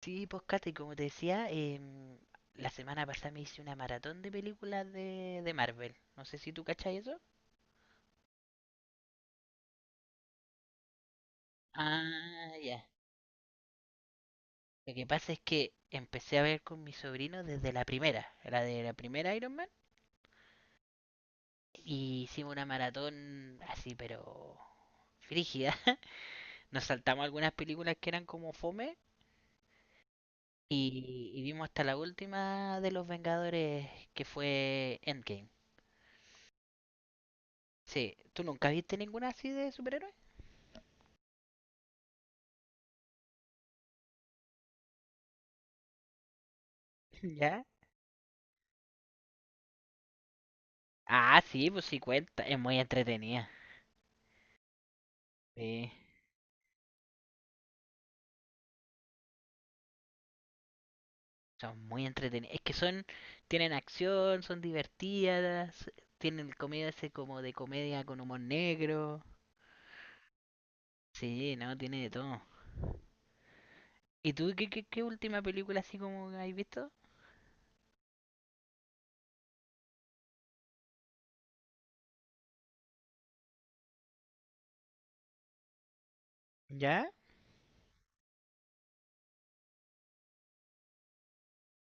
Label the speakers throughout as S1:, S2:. S1: Sí, pues Kate, como te decía, la semana pasada me hice una maratón de películas de Marvel. No sé si tú cachas eso. Ah, ya. Lo que pasa es que empecé a ver con mi sobrino desde la primera, la de la primera Iron Man, y hicimos una maratón así, pero frígida. Nos saltamos algunas películas que eran como fome y vimos hasta la última de los Vengadores que fue Endgame. Sí, ¿tú nunca viste ninguna así de superhéroes? ¿Ya? Ah, sí, pues sí cuenta. Es muy entretenida. Sí, son muy entretenidas. Es que son, tienen acción, son divertidas, tienen el comedia ese como de comedia con humor negro. Sí, no, tiene de todo. ¿Y tú qué, qué última película así como has visto? ¿Ya?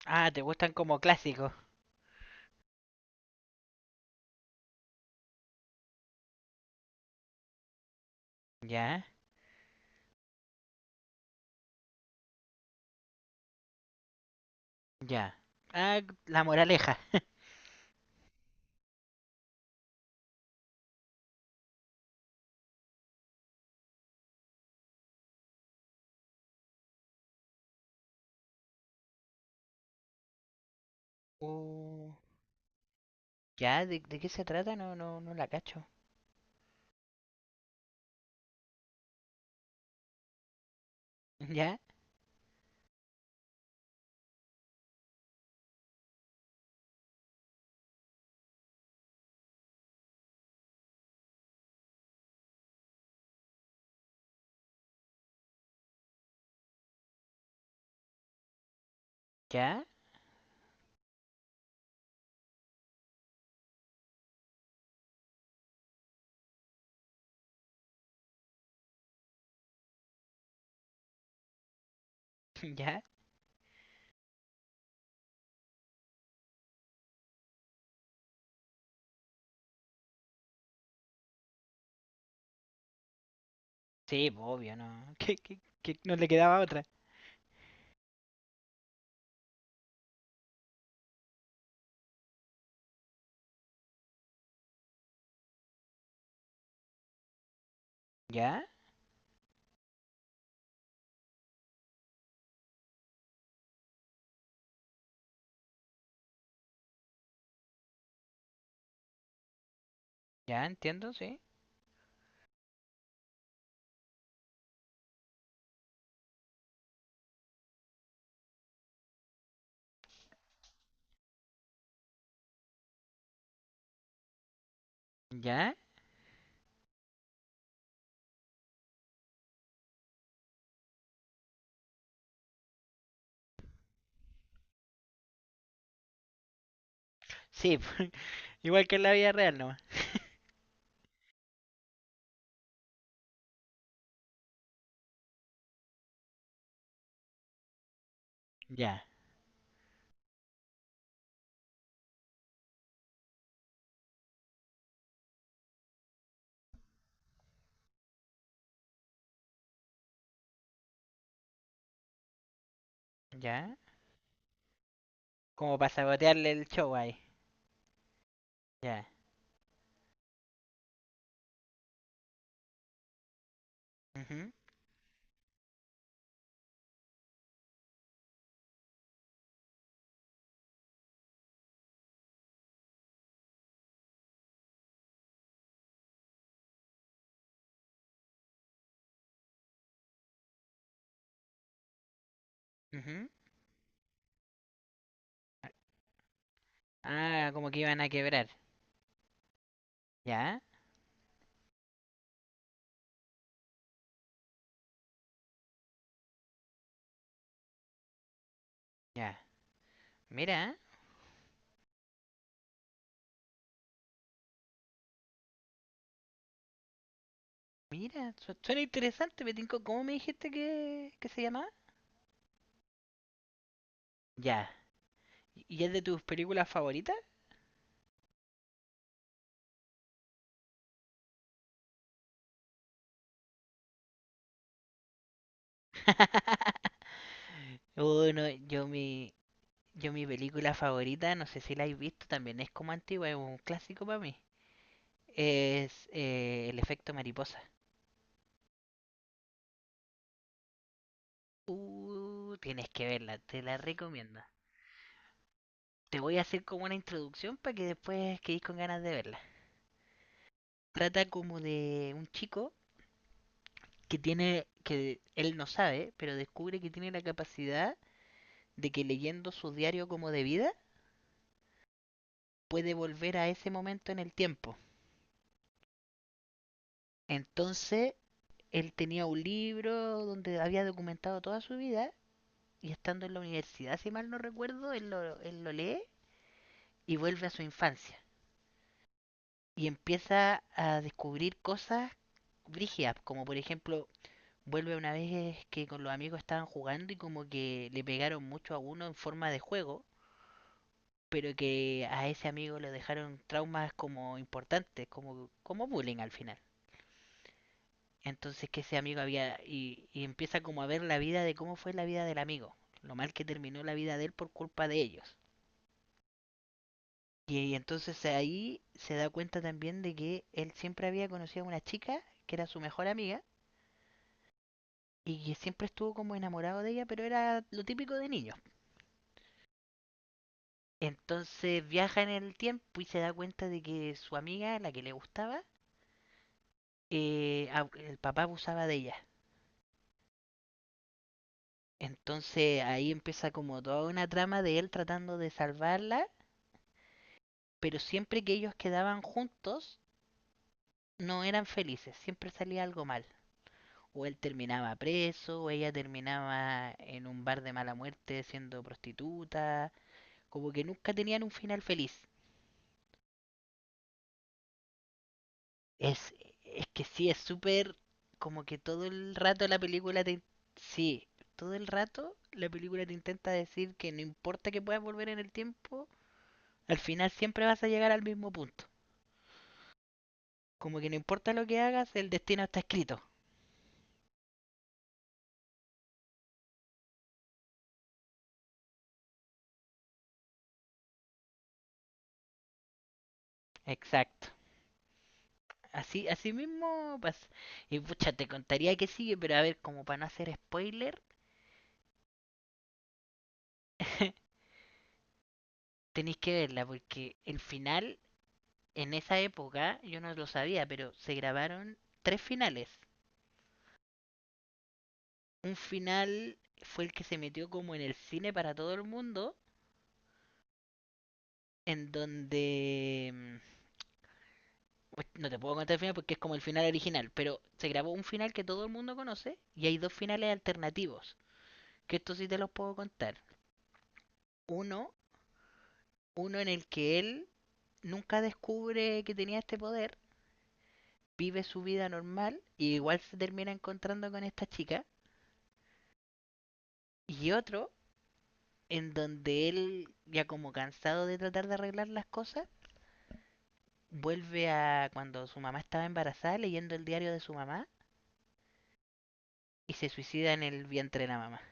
S1: Ah, te gustan como clásicos. Ya, ya. Ah, La Moraleja. Uh, ya, de qué se trata? No, no, no la cacho. Ya, ya, ya. Sí, pues, obvio, no. Que, que no le quedaba otra. ¿Ya? ¿Ya? Entiendo, sí. ¿Ya? Sí, igual que en la vida real no. Ya. ¿Ya? Como para sabotearle el show ahí. Ya. Ujú, ujú. Ah, como que iban a quebrar. ¿Ya? Ya. Mira, mira. Suena interesante, me tincó. ¿Cómo me dijiste que se llamaba? Ya. Y es de tus películas favoritas? Uy, no, yo mi película favorita, no sé si la habéis visto, también es como antigua, es un clásico para mí. Es El efecto mariposa. Tienes que verla, te la recomiendo. Te voy a hacer como una introducción para que después quedéis con ganas de verla. Trata como de un chico que tiene, que él no sabe, pero descubre que tiene la capacidad de que leyendo su diario como de vida puede volver a ese momento en el tiempo. Entonces, él tenía un libro donde había documentado toda su vida y estando en la universidad, si mal no recuerdo, él lo lee y vuelve a su infancia. Y empieza a descubrir cosas brígidas, como por ejemplo, vuelve una vez que con los amigos estaban jugando y como que le pegaron mucho a uno en forma de juego, pero que a ese amigo le dejaron traumas como importantes, como bullying al final. Entonces que ese amigo había y empieza como a ver la vida de cómo fue la vida del amigo, lo mal que terminó la vida de él por culpa de ellos. Y entonces ahí se da cuenta también de que él siempre había conocido a una chica que era su mejor amiga y que siempre estuvo como enamorado de ella, pero era lo típico de niños. Entonces viaja en el tiempo y se da cuenta de que su amiga, la que le gustaba, eh, el papá abusaba de ella. Entonces ahí empieza como toda una trama de él tratando de salvarla, pero siempre que ellos quedaban juntos no eran felices, siempre salía algo mal. O él terminaba preso, o ella terminaba en un bar de mala muerte siendo prostituta, como que nunca tenían un final feliz. Es, es que sí, es súper como que todo el rato la película te... Sí, todo el rato la película te intenta decir que no importa que puedas volver en el tiempo, al final siempre vas a llegar al mismo punto. Como que no importa lo que hagas, el destino está escrito. Exacto. Así, así mismo pasa. Y pucha, te contaría que sigue, pero a ver, como para no hacer spoiler. Tenéis que verla porque el final, en esa época, yo no lo sabía, pero se grabaron tres finales. Un final fue el que se metió como en el cine para todo el mundo, en donde... pues, no te puedo contar el final porque es como el final original, pero se grabó un final que todo el mundo conoce y hay dos finales alternativos, que esto sí te los puedo contar. Uno, uno en el que él nunca descubre que tenía este poder, vive su vida normal y igual se termina encontrando con esta chica. Y otro en donde él, ya como cansado de tratar de arreglar las cosas, vuelve a cuando su mamá estaba embarazada leyendo el diario de su mamá y se suicida en el vientre de la mamá.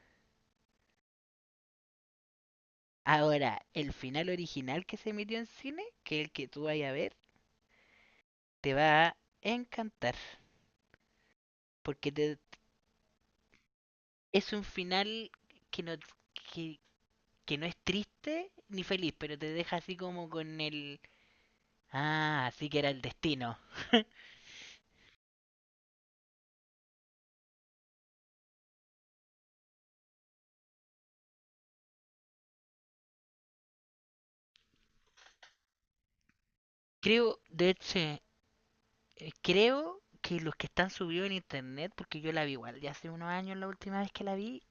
S1: Ahora, el final original que se emitió en cine, que es el que tú vayas a ver, te va a encantar. Porque te- es un final que no, que, que no es triste ni feliz, pero te deja así como con el... Ah, así que era el destino. Creo, de hecho, creo que los que están subidos en internet, porque yo la vi igual ya hace unos años la última vez que la vi,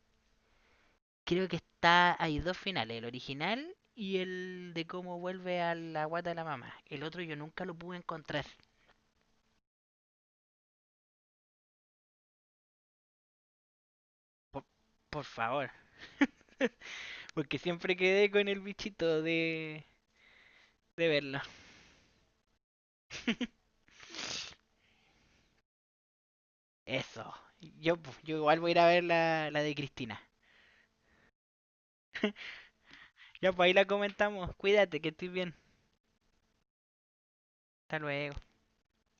S1: hay dos finales, el original y el de cómo vuelve a la guata de la mamá. El otro yo nunca lo pude encontrar. Por, por favor, porque siempre quedé con el bichito de verlo. Eso. Yo, pues, yo igual voy a ir a ver la de Cristina. Ya, pues ahí la comentamos. Cuídate, que estés bien. Hasta luego.